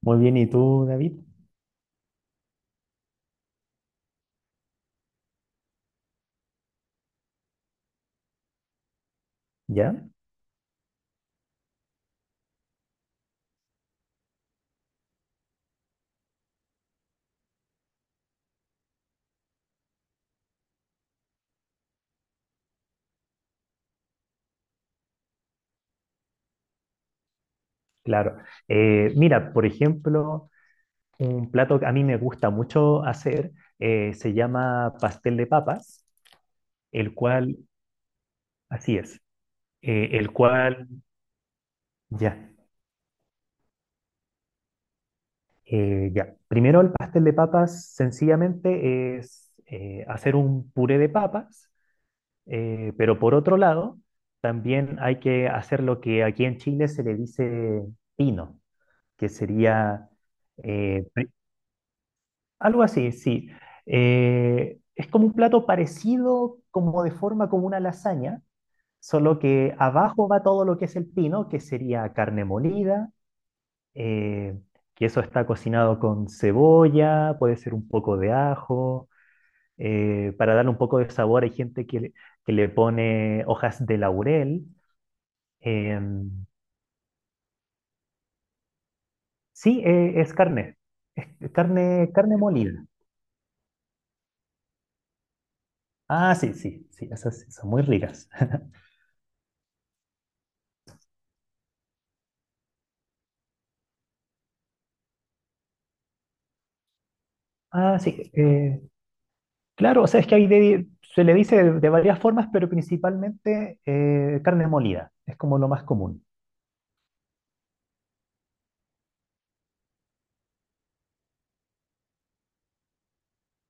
Muy bien, ¿y tú, David? ¿Ya? Claro. Mira, por ejemplo, un plato que a mí me gusta mucho hacer se llama pastel de papas, el cual, así es, eh, el cual, ya, ya. Primero el pastel de papas sencillamente es hacer un puré de papas, pero por otro lado, también hay que hacer lo que aquí en Chile se le dice pino, que sería... eh, Algo así, sí. Es como un plato parecido, como de forma como una lasaña, solo que abajo va todo lo que es el pino, que sería carne molida, eh, que eso está cocinado con cebolla, puede ser un poco de ajo. Para darle un poco de sabor, hay gente que le pone hojas de laurel. em, sí. Es carne, carne molida. Ah, sí, sí, sí, esas sí son muy ricas. Ah, sí. Claro, o sea, es que se le dice de varias formas, pero principalmente carne molida, es como lo más común.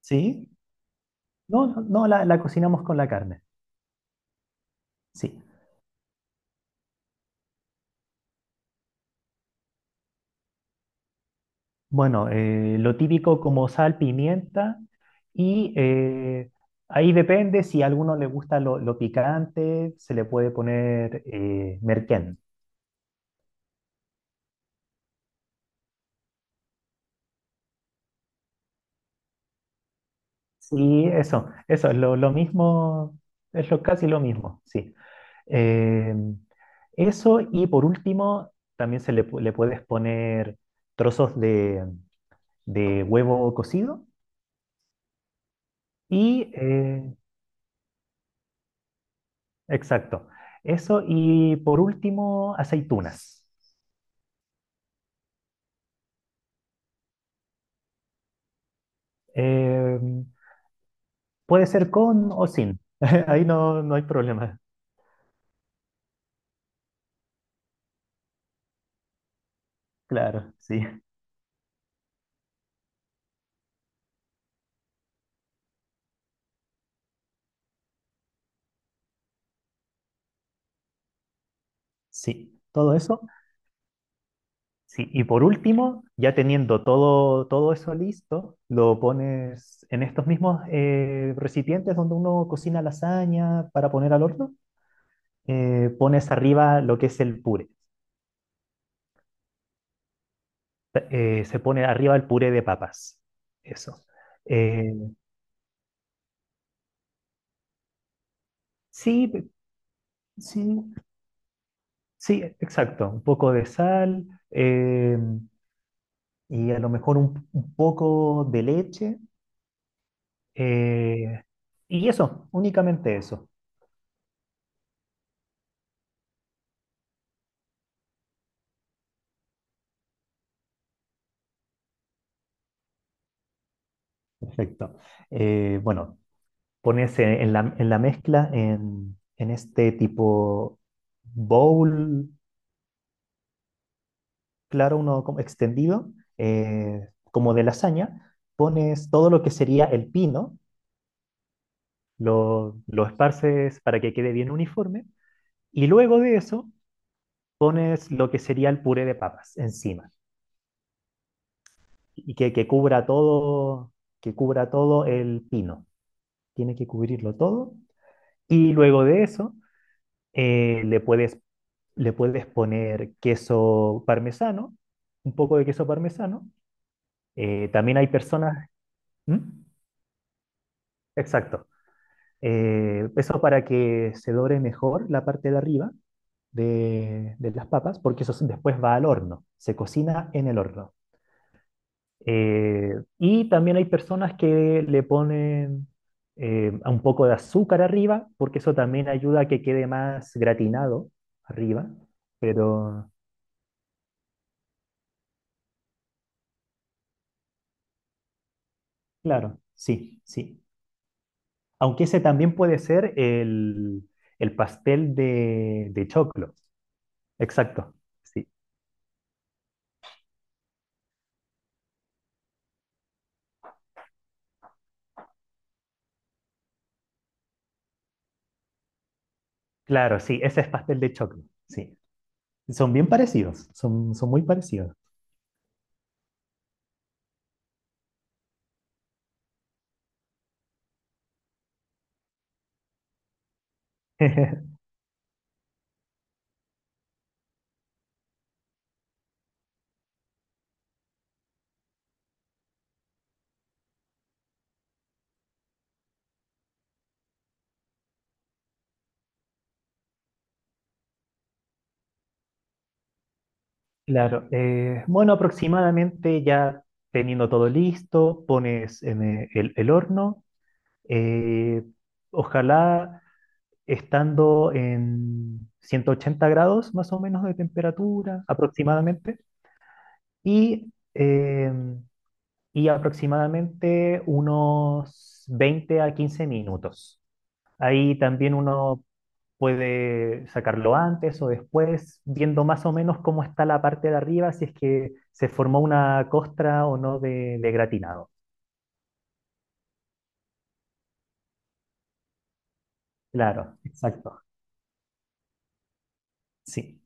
¿Sí? No, no, no, la cocinamos con la carne, sí. Bueno, lo típico como sal, pimienta, y ahí depende si a alguno le gusta lo picante, se le puede poner merquén. Sí, eso, es lo mismo, es lo, casi lo mismo, sí. Eh, Eso y por último, también le puedes poner trozos de huevo cocido y, exacto, eso y por último, aceitunas. Eh, Puede ser con o sin, ahí no, no hay problema, claro, sí, sí, todo eso. Sí, y por último, ya teniendo todo, todo eso listo, lo pones en estos mismos recipientes donde uno cocina lasaña para poner al horno. Pones arriba lo que es el puré. Se pone arriba el puré de papas. Eso. Eh, sí, pe- sí, sí, exacto. Un poco de sal y a lo mejor un poco de leche. eh, y eso, únicamente eso. Perfecto. Bueno, ponerse en en la mezcla, en este tipo bowl, claro, uno como extendido, como de lasaña, pones todo lo que sería el pino, lo esparces para que quede bien uniforme, y luego de eso pones lo que sería el puré de papas encima, y que cubra todo el pino. Tiene que cubrirlo todo. Y luego de eso Eh, le puedes, le puedes poner queso parmesano, un poco de queso parmesano. También hay personas... ¿Mm? Exacto. Eso para que se dore mejor la parte de arriba de las papas, porque después va al horno, se cocina en el horno. Eh, y también hay personas que le ponen un poco de azúcar arriba, porque eso también ayuda a que quede más gratinado arriba. Pero claro, sí, sí. Aunque ese también puede ser el pastel de choclo. Exacto, sí. Claro, sí, ese es pastel de choclo, sí. Son bien parecidos, son, son muy parecidos. Claro, bueno, aproximadamente ya teniendo todo listo, pones en el horno, eh, ojalá estando en 180 grados más o menos de temperatura aproximadamente. Y, y aproximadamente unos 20 a 15 minutos. Ahí también uno puede sacarlo antes o después, viendo más o menos cómo está la parte de arriba, si es que se formó una costra o no de gratinado. Claro, exacto, sí,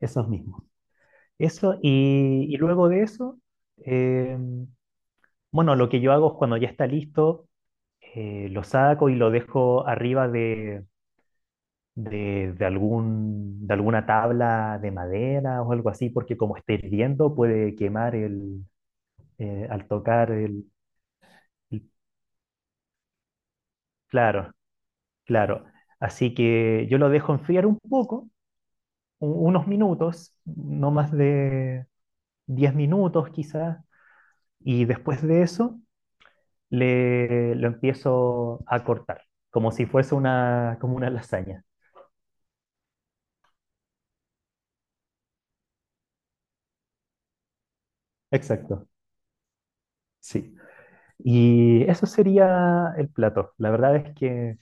esos mismos. Eso, y luego de eso, eh, bueno, lo que yo hago es cuando ya está listo, lo saco y lo dejo arriba de algún, de alguna tabla de madera o algo así, porque como esté hirviendo puede quemar el, eh, al tocar el, el- claro, claro. Así que yo lo dejo enfriar un poco, unos minutos, no más de 10 minutos quizás, y después de eso lo empiezo a cortar, como si fuese una, como una lasaña. Exacto, sí. Y eso sería el plato. La verdad es que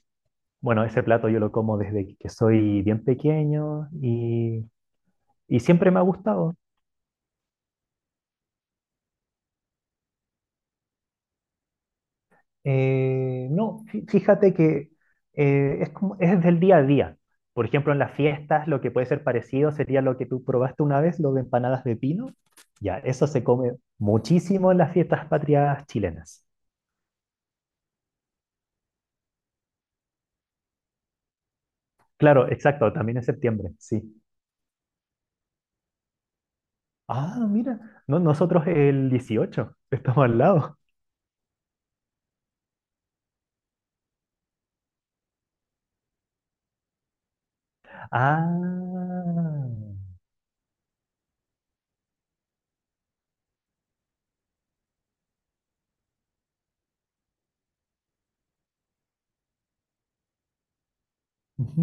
bueno, ese plato yo lo como desde que soy bien pequeño y siempre me ha gustado. No, fí- Fíjate que es como, es del día a día. Por ejemplo, en las fiestas lo que puede ser parecido sería lo que tú probaste una vez, lo de empanadas de pino. Ya, eso se come muchísimo en las fiestas patrias chilenas. Claro, exacto, también en septiembre, sí. Ah, mira, no, nosotros el 18 estamos al lado. Ah. Ujú.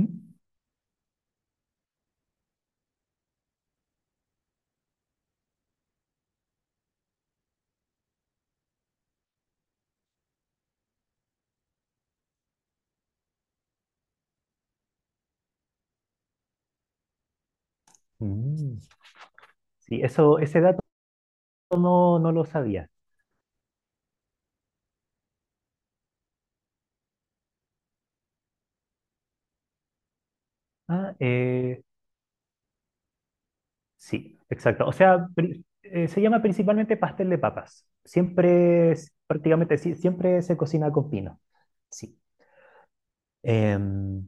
Mm. Sí, eso, ese dato no, no lo sabía. Ah, eh, sí, exacto. O sea, se llama principalmente pastel de papas. Prácticamente, sí, siempre se cocina con pino. Sí. Em,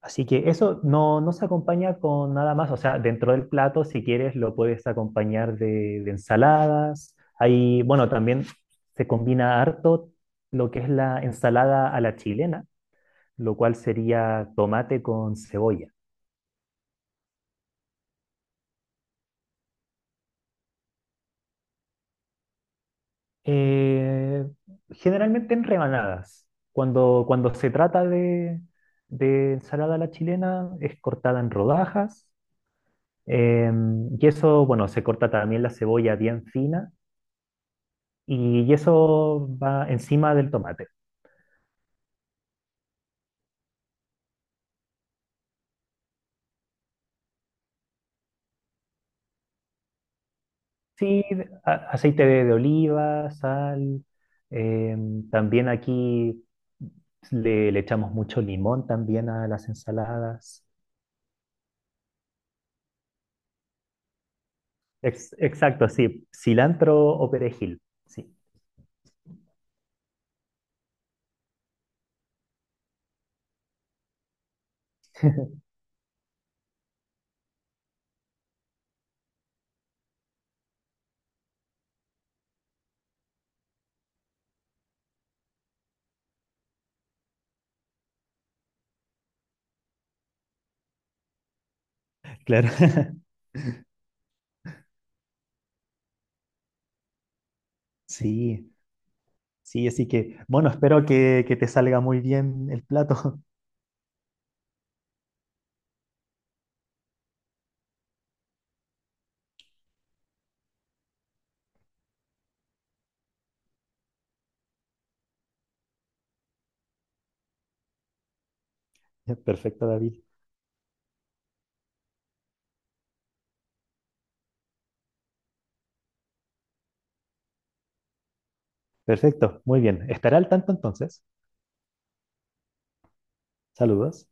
Así que eso no, no se acompaña con nada más. O sea, dentro del plato, si quieres, lo puedes acompañar de ensaladas. Ahí, bueno, también se combina harto lo que es la ensalada a la chilena, lo cual sería tomate con cebolla. Eh, generalmente en rebanadas. Cuando, cuando se trata de ensalada a la chilena, es cortada en rodajas. eh, y eso, bueno, se corta también la cebolla bien fina. Y eso va encima del tomate. Aceite de oliva, sal. eh, También aquí le echamos mucho limón también a las ensaladas. Exacto, sí. Cilantro o perejil. Sí. Claro, sí, sí, así que, bueno, espero que te salga muy bien el plato. Perfecto, David. Perfecto, muy bien. Estará al tanto entonces. Saludos.